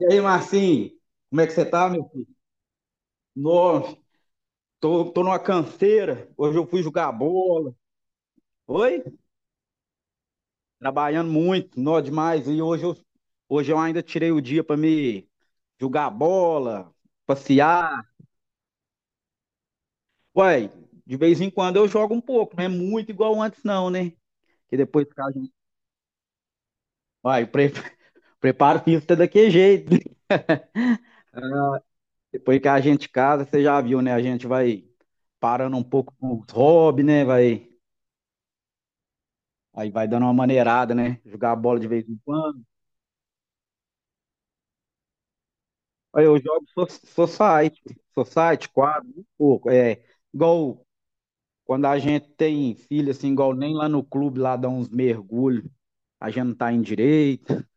E aí, Marcinho, como é que você tá, meu filho? Nossa, tô numa canseira. Hoje eu fui jogar bola. Oi? Trabalhando muito, nó demais. Hoje eu ainda tirei o dia pra me jogar bola, passear. Uai, de vez em quando eu jogo um pouco, não é muito igual antes, não, né? Que depois que a gente. Uai, pre... preparo físico é daquele jeito. Depois que a gente casa, você já viu, né? A gente vai parando um pouco com os hobbies, né? Vai. Aí vai dando uma maneirada, né? Jogar a bola de vez em quando. Aí eu jogo society, society, quadro, um pouco. É, igual quando a gente tem filho, assim, igual nem lá no clube, lá dá uns mergulhos, a gente não tá em direito,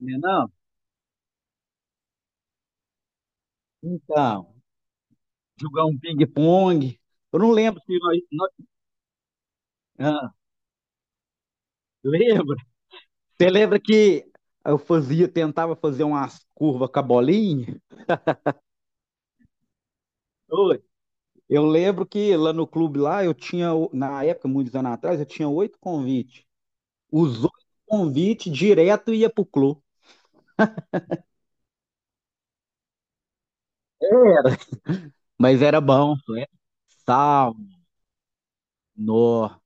né? Não? Então, jogar um ping-pong. Eu não lembro se ah, lembra? Você lembra que eu fazia, tentava fazer umas curvas com a bolinha? Eu lembro que lá no clube lá eu tinha, na época, muitos anos atrás, eu tinha oito convites. Os oito convites direto ia pro clube. Era. Mas era bom, né? Sal, nó.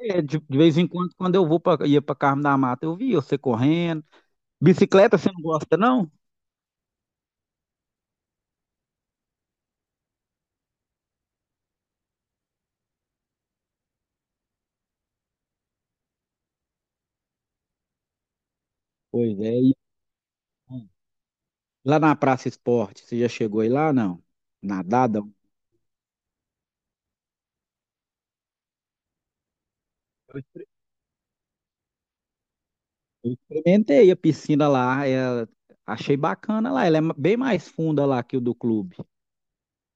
É, de vez em quando, quando eu vou pra, ia pra Carmo da Mata, eu via você correndo. Bicicleta você não gosta, não? Pois é. E lá na Praça Esporte, você já chegou aí lá, não? Nadada? Eu experimentei a piscina lá, é, achei bacana lá. Ela é bem mais funda lá que o do clube.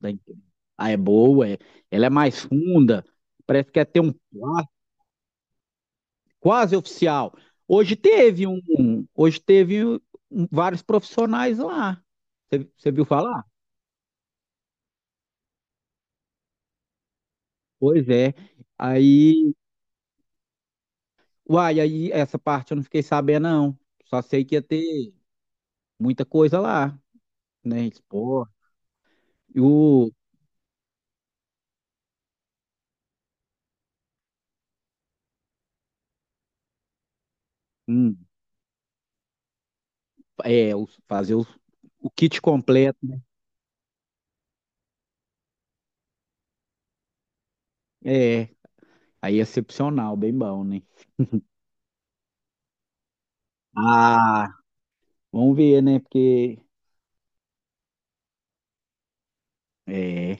Da empresa. Ah, é boa, ela é mais funda, parece que é ter um quase oficial. Hoje teve um, hoje teve um, vários profissionais lá. Você viu falar? Pois é. Aí, uai, aí essa parte eu não fiquei sabendo, não. Só sei que ia ter muita coisa lá, né? Esporte. E o, hum, é, fazer o kit completo, né? É, aí é excepcional, bem bom, né? Ah, vamos ver, né? Porque é,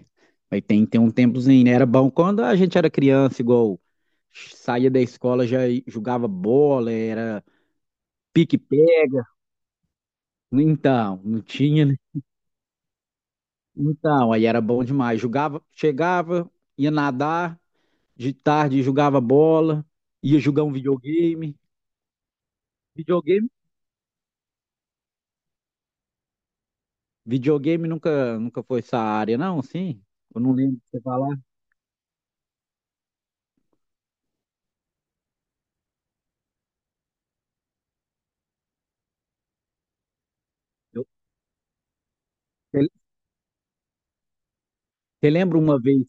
mas tem um tempozinho, né? Era bom quando a gente era criança, igual saía da escola, já jogava bola, era pique-pega. Então, não tinha, né? Então, aí era bom demais. Jogava, chegava, ia nadar, de tarde jogava bola, ia jogar um videogame. Videogame, videogame nunca foi essa área, não, sim. Eu não lembro de você falar. Eu- Você você lembra uma vez?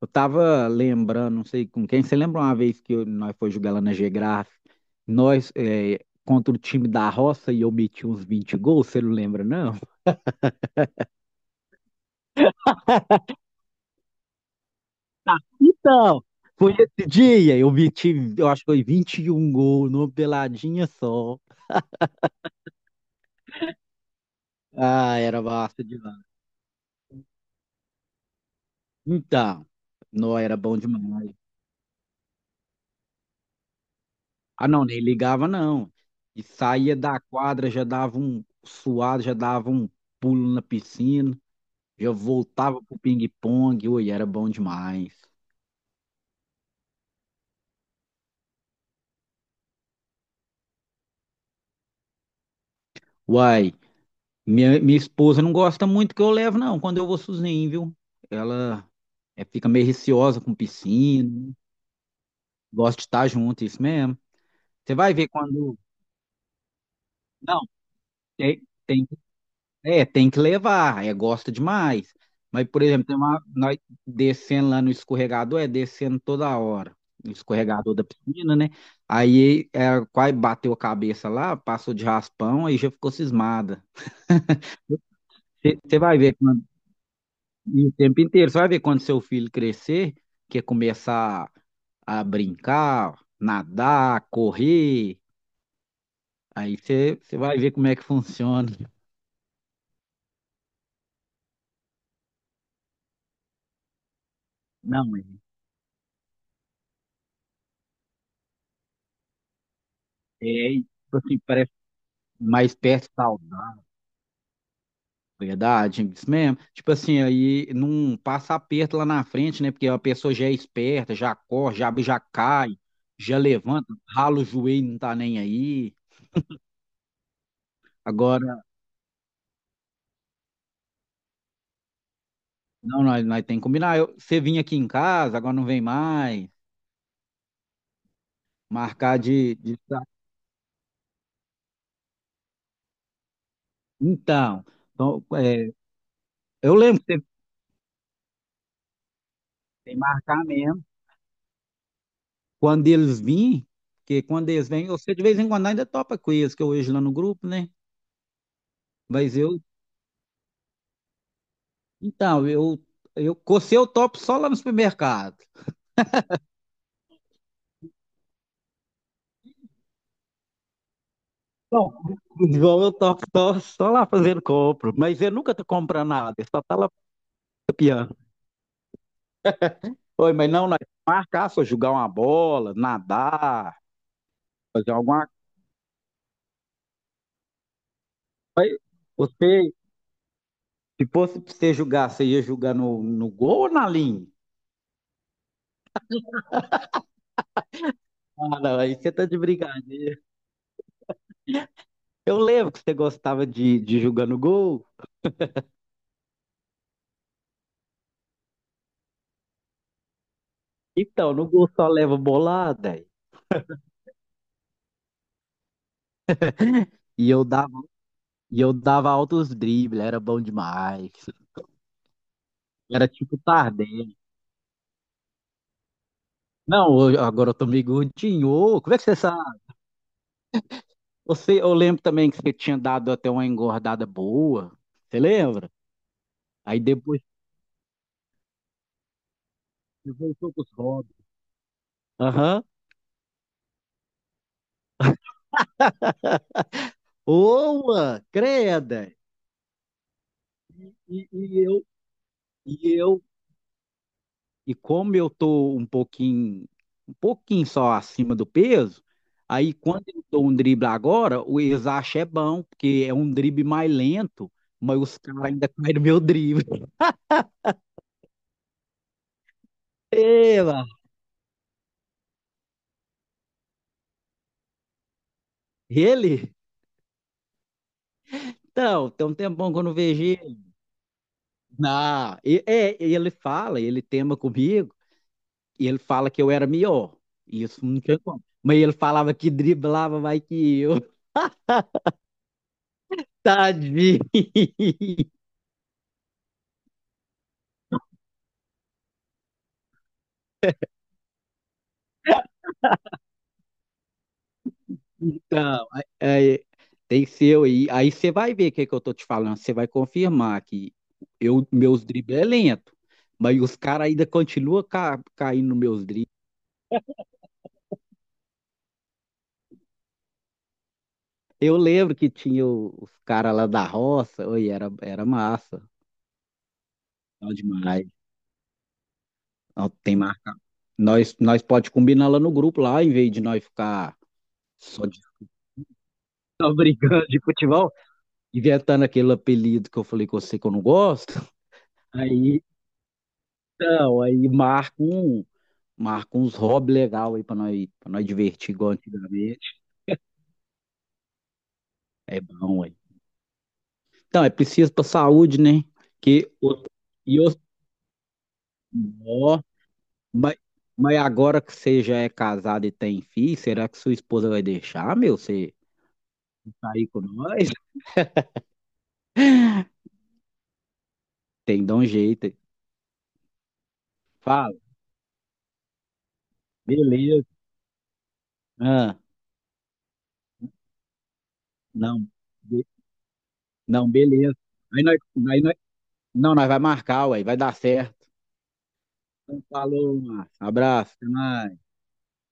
Eu tava lembrando, não sei com quem, você lembra uma vez que nós foi jogar lá na Gegraf, nós é, contra o time da roça e eu meti uns 20 gols, você não lembra, não? Então, foi esse dia, eu meti, eu acho que foi 21 gols numa peladinha só. Ah, era massa demais. Então, não era bom demais. Ah, não, nem ligava não. E saía da quadra, já dava um suado, já dava um pulo na piscina. Eu voltava pro ping-pong, ui, era bom demais. Uai, minha esposa não gosta muito que eu levo, não, quando eu vou sozinho, viu? Ela é, fica meio receosa com piscina, gosta de estar junto, isso mesmo. Você vai ver quando. Não, tem, é, tem que levar, é, gosta demais. Mas, por exemplo, tem uma, nós descendo lá no escorregador, é descendo toda hora, no escorregador da piscina, né? Aí ela quase bateu a cabeça lá, passou de raspão, aí já ficou cismada. Você vai ver quando- e o tempo inteiro, você vai ver quando seu filho crescer, que é começar a brincar, nadar, correr, aí você vai ver como é que funciona. Não, mas é, tipo assim, parece mais perto saudável, verdade, é isso mesmo. Tipo assim, aí não passa aperto lá na frente, né? Porque a pessoa já é esperta, já corre, já cai, já levanta, rala o joelho, não tá nem aí. Agora, não, nós tem que combinar. Você vinha aqui em casa, agora não vem mais. Marcar de, de- Então, então, é, eu lembro que teve que marcar mesmo. Quando eles vêm, porque quando eles vêm, você de vez em quando ainda topa com eles, que eu hoje lá no grupo, né? Mas então, eu, eu, com você eu topo só lá no supermercado. Não, o João eu topo só, só lá fazendo compra, mas ele nunca tá comprando nada, ele só tá lá piano. Oi, mas não, nós marcar, só jogar uma bola, nadar, fazer alguma coisa. Você Se fosse pra você julgar, você ia julgar no, no gol ou na linha? Ah, não, aí você tá de brincadeira. Eu lembro que você gostava de julgar no gol. Então, no gol só leva bolada. E eu dava, e eu dava altos dribles, era bom demais. Era tipo Tardelli. Não, agora eu tô meio gordinho. Ô, como é que você sabe? Você, eu lembro também que você tinha dado até uma engordada boa. Você lembra? Aí depois você voltou com os hobbies. Aham. Boa, creda. E, e eu, E eu, e como eu tô um pouquinho só acima do peso, aí quando eu dou um drible agora, o Exache é bom, porque é um drible mais lento, mas os caras ainda caem no meu drible. Eba! Ele? Então, tem um tempão que eu não vejo ele. Não, é, ele fala, ele tema comigo, e ele fala que eu era melhor. Isso não tinha como. Mas ele falava que driblava mais que eu. Tadinho! Então, é, tem que ser aí. Aí você vai ver que eu tô te falando. Você vai confirmar que eu, meus dribles é lento, mas os caras ainda continuam caindo nos meus dribles. Eu lembro que tinha os caras lá da roça, oi, era, era massa. Não demais. Não, tem marca. Nós pode combinar lá no grupo, lá, em vez de nós ficar só, de, só brigando de futebol, inventando aquele apelido que eu falei com você que eu não gosto. Aí, então, aí marca um. Marca uns hobby legal aí pra nós divertir igual antigamente. É bom, aí. Então, é preciso pra saúde, né? Que o- e eu, ó, mas, mas agora que você já é casado e tem filho, será que sua esposa vai deixar, meu? Você sair com nós? Tem que dar um jeito. Aí. Fala, beleza. Ah, não, be- não, beleza. Aí nós, aí nós, não, nós vai marcar, ué, vai dar certo. Então, falou, Márcio. Abraço, até mais.